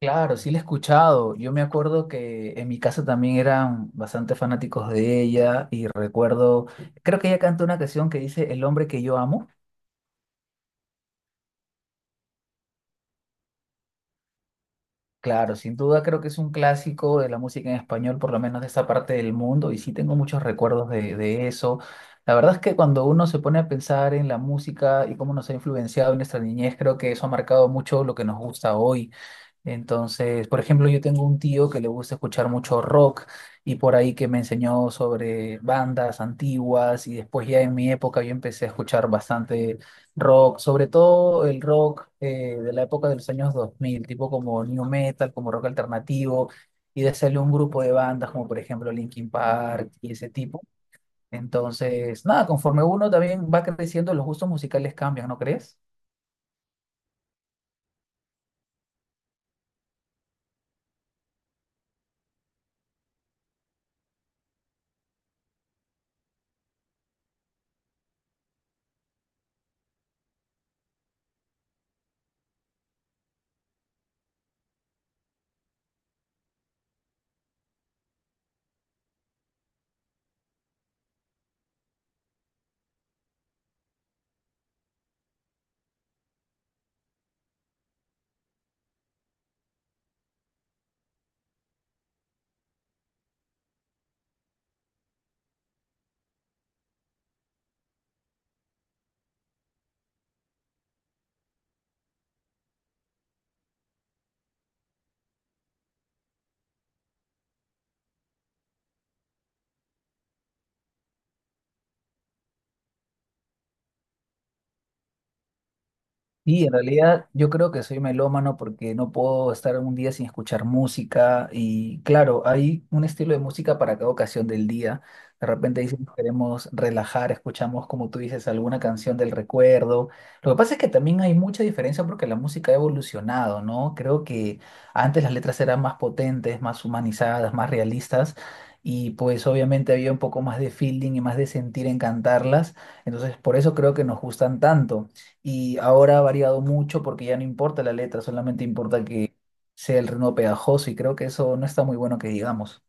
Claro, sí la he escuchado. Yo me acuerdo que en mi casa también eran bastante fanáticos de ella y recuerdo, creo que ella canta una canción que dice El hombre que yo amo. Claro, sin duda creo que es un clásico de la música en español, por lo menos de esta parte del mundo, y sí tengo muchos recuerdos de eso. La verdad es que cuando uno se pone a pensar en la música y cómo nos ha influenciado en nuestra niñez, creo que eso ha marcado mucho lo que nos gusta hoy. Entonces, por ejemplo, yo tengo un tío que le gusta escuchar mucho rock y por ahí que me enseñó sobre bandas antiguas y después ya en mi época yo empecé a escuchar bastante rock, sobre todo el rock de la época de los años 2000, tipo como new metal, como rock alternativo y de salió un grupo de bandas como por ejemplo Linkin Park y ese tipo. Entonces, nada, conforme uno también va creciendo, los gustos musicales cambian, ¿no crees? Y en realidad yo creo que soy melómano porque no puedo estar un día sin escuchar música y claro, hay un estilo de música para cada ocasión del día. De repente dicen que queremos relajar, escuchamos como tú dices alguna canción del recuerdo. Lo que pasa es que también hay mucha diferencia porque la música ha evolucionado, ¿no? Creo que antes las letras eran más potentes, más humanizadas, más realistas y pues obviamente había un poco más de feeling y más de sentir en cantarlas. Entonces por eso creo que nos gustan tanto. Y ahora ha variado mucho porque ya no importa la letra, solamente importa que sea el ritmo pegajoso y creo que eso no está muy bueno que digamos.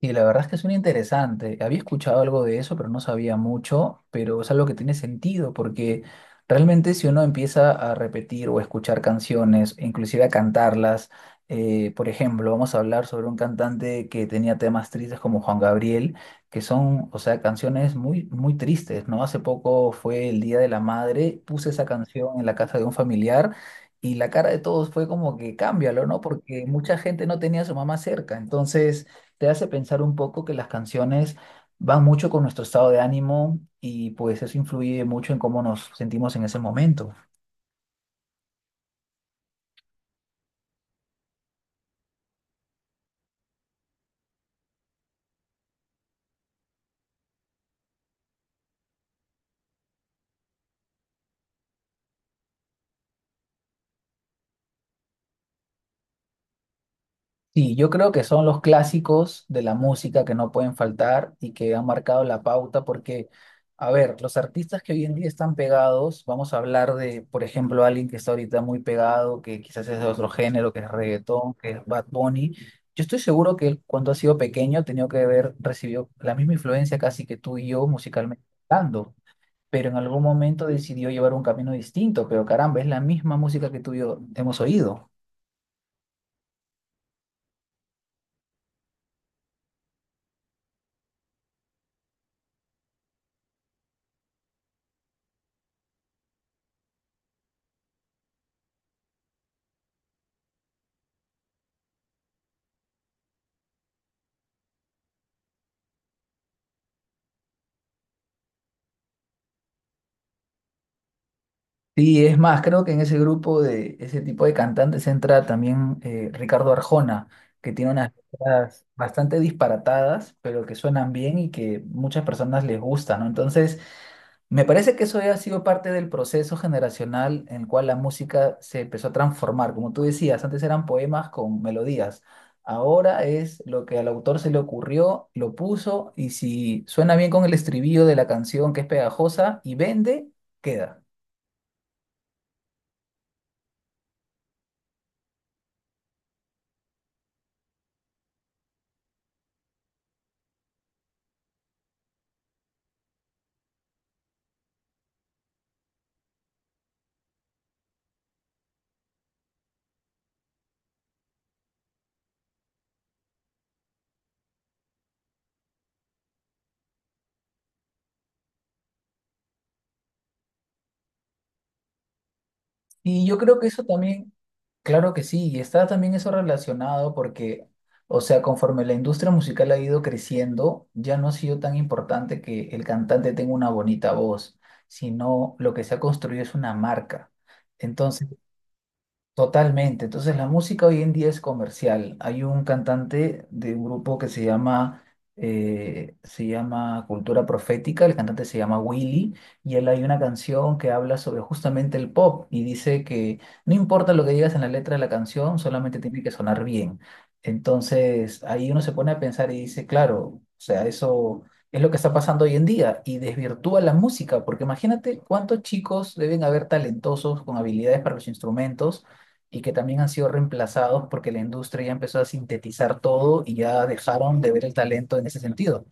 Y la verdad es que suena interesante. Había escuchado algo de eso, pero no sabía mucho, pero es algo que tiene sentido, porque realmente si uno empieza a repetir o escuchar canciones, inclusive a cantarlas, por ejemplo, vamos a hablar sobre un cantante que tenía temas tristes como Juan Gabriel, que son, o sea, canciones muy, muy tristes, ¿no? Hace poco fue el Día de la Madre, puse esa canción en la casa de un familiar. Y la cara de todos fue como que cámbialo, ¿no? Porque mucha gente no tenía a su mamá cerca. Entonces, te hace pensar un poco que las canciones van mucho con nuestro estado de ánimo y pues eso influye mucho en cómo nos sentimos en ese momento. Sí, yo creo que son los clásicos de la música que no pueden faltar y que han marcado la pauta porque, a ver, los artistas que hoy en día están pegados, vamos a hablar de, por ejemplo, alguien que está ahorita muy pegado, que quizás es de otro género, que es reggaetón, que es Bad Bunny. Yo estoy seguro que él, cuando ha sido pequeño, ha tenido que haber recibido la misma influencia casi que tú y yo musicalmente hablando. Pero en algún momento decidió llevar un camino distinto, pero caramba, es la misma música que tú y yo hemos oído. Sí, es más, creo que en ese grupo de ese tipo de cantantes entra también Ricardo Arjona, que tiene unas letras bastante disparatadas, pero que suenan bien y que muchas personas les gustan, ¿no? Entonces, me parece que eso ya ha sido parte del proceso generacional en el cual la música se empezó a transformar. Como tú decías, antes eran poemas con melodías. Ahora es lo que al autor se le ocurrió, lo puso y si suena bien con el estribillo de la canción que es pegajosa y vende, queda. Y yo creo que eso también, claro que sí, y está también eso relacionado porque, o sea, conforme la industria musical ha ido creciendo, ya no ha sido tan importante que el cantante tenga una bonita voz, sino lo que se ha construido es una marca. Entonces, totalmente. Entonces la música hoy en día es comercial. Hay un cantante de un grupo que se llama Cultura Profética, el cantante se llama Willy, y él hay una canción que habla sobre justamente el pop y dice que no importa lo que digas en la letra de la canción, solamente tiene que sonar bien. Entonces ahí uno se pone a pensar y dice, claro, o sea, eso es lo que está pasando hoy en día y desvirtúa la música, porque imagínate cuántos chicos deben haber talentosos con habilidades para los instrumentos y que también han sido reemplazados porque la industria ya empezó a sintetizar todo y ya dejaron de ver el talento en ese sentido.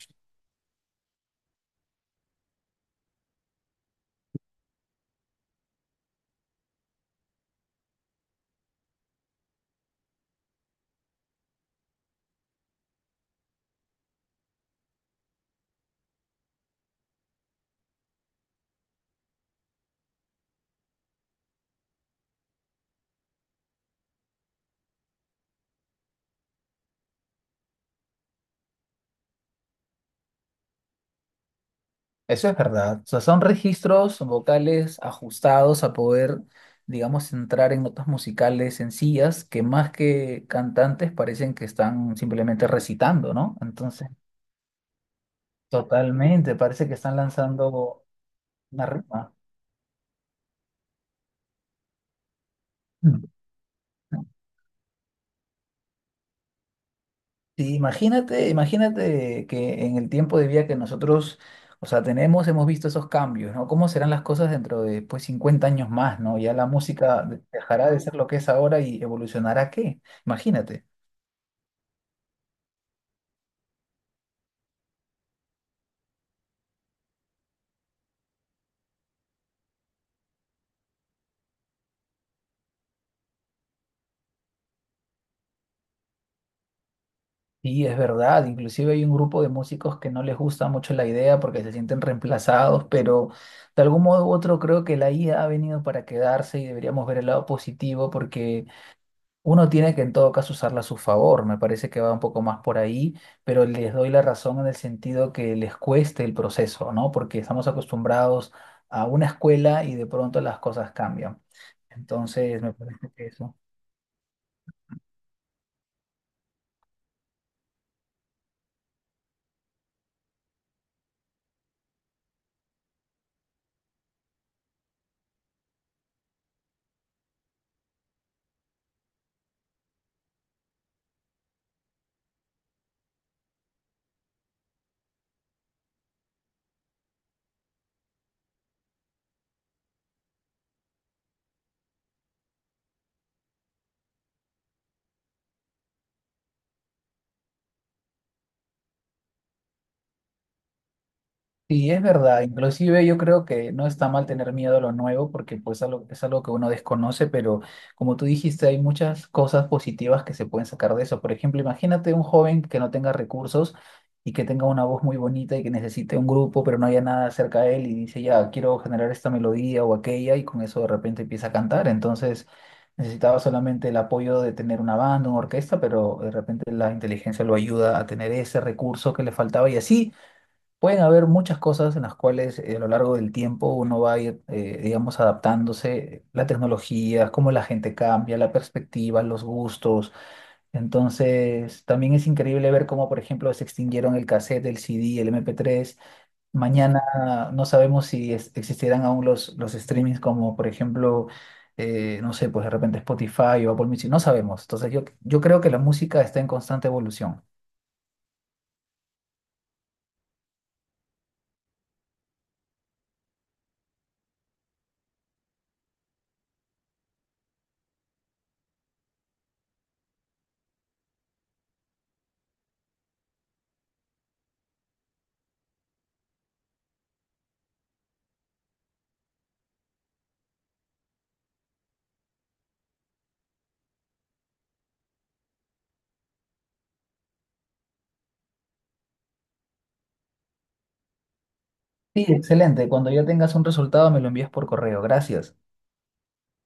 Eso es verdad. O sea, son registros vocales ajustados a poder, digamos, entrar en notas musicales sencillas que más que cantantes parecen que están simplemente recitando, ¿no? Entonces, totalmente, parece que están lanzando una rima. Mm. Sí, imagínate, imagínate que en el tiempo de vida que nosotros, o sea, tenemos, hemos visto esos cambios, ¿no? ¿Cómo serán las cosas dentro de, pues, 50 años más, ¿no? Ya la música dejará de ser lo que es ahora y evolucionará a qué? Imagínate. Sí, es verdad, inclusive hay un grupo de músicos que no les gusta mucho la idea porque se sienten reemplazados, pero de algún modo u otro creo que la IA ha venido para quedarse y deberíamos ver el lado positivo porque uno tiene que en todo caso usarla a su favor, me parece que va un poco más por ahí, pero les doy la razón en el sentido que les cueste el proceso, ¿no? Porque estamos acostumbrados a una escuela y de pronto las cosas cambian. Entonces, me parece que eso. Sí, es verdad. Inclusive yo creo que no está mal tener miedo a lo nuevo porque pues es algo que uno desconoce, pero como tú dijiste, hay muchas cosas positivas que se pueden sacar de eso. Por ejemplo, imagínate un joven que no tenga recursos y que tenga una voz muy bonita y que necesite un grupo, pero no haya nada cerca de él y dice, ya, quiero generar esta melodía o aquella y con eso de repente empieza a cantar. Entonces necesitaba solamente el apoyo de tener una banda, una orquesta, pero de repente la inteligencia lo ayuda a tener ese recurso que le faltaba y así. Pueden haber muchas cosas en las cuales a lo largo del tiempo uno va a ir, digamos, adaptándose, la tecnología, cómo la gente cambia, la perspectiva, los gustos. Entonces, también es increíble ver cómo, por ejemplo, se extinguieron el cassette, el CD, el MP3. Mañana no sabemos si existirán aún los streamings como, por ejemplo, no sé, pues de repente Spotify o Apple Music, no sabemos. Entonces, yo creo que la música está en constante evolución. Sí, excelente. Cuando ya tengas un resultado, me lo envías por correo. Gracias.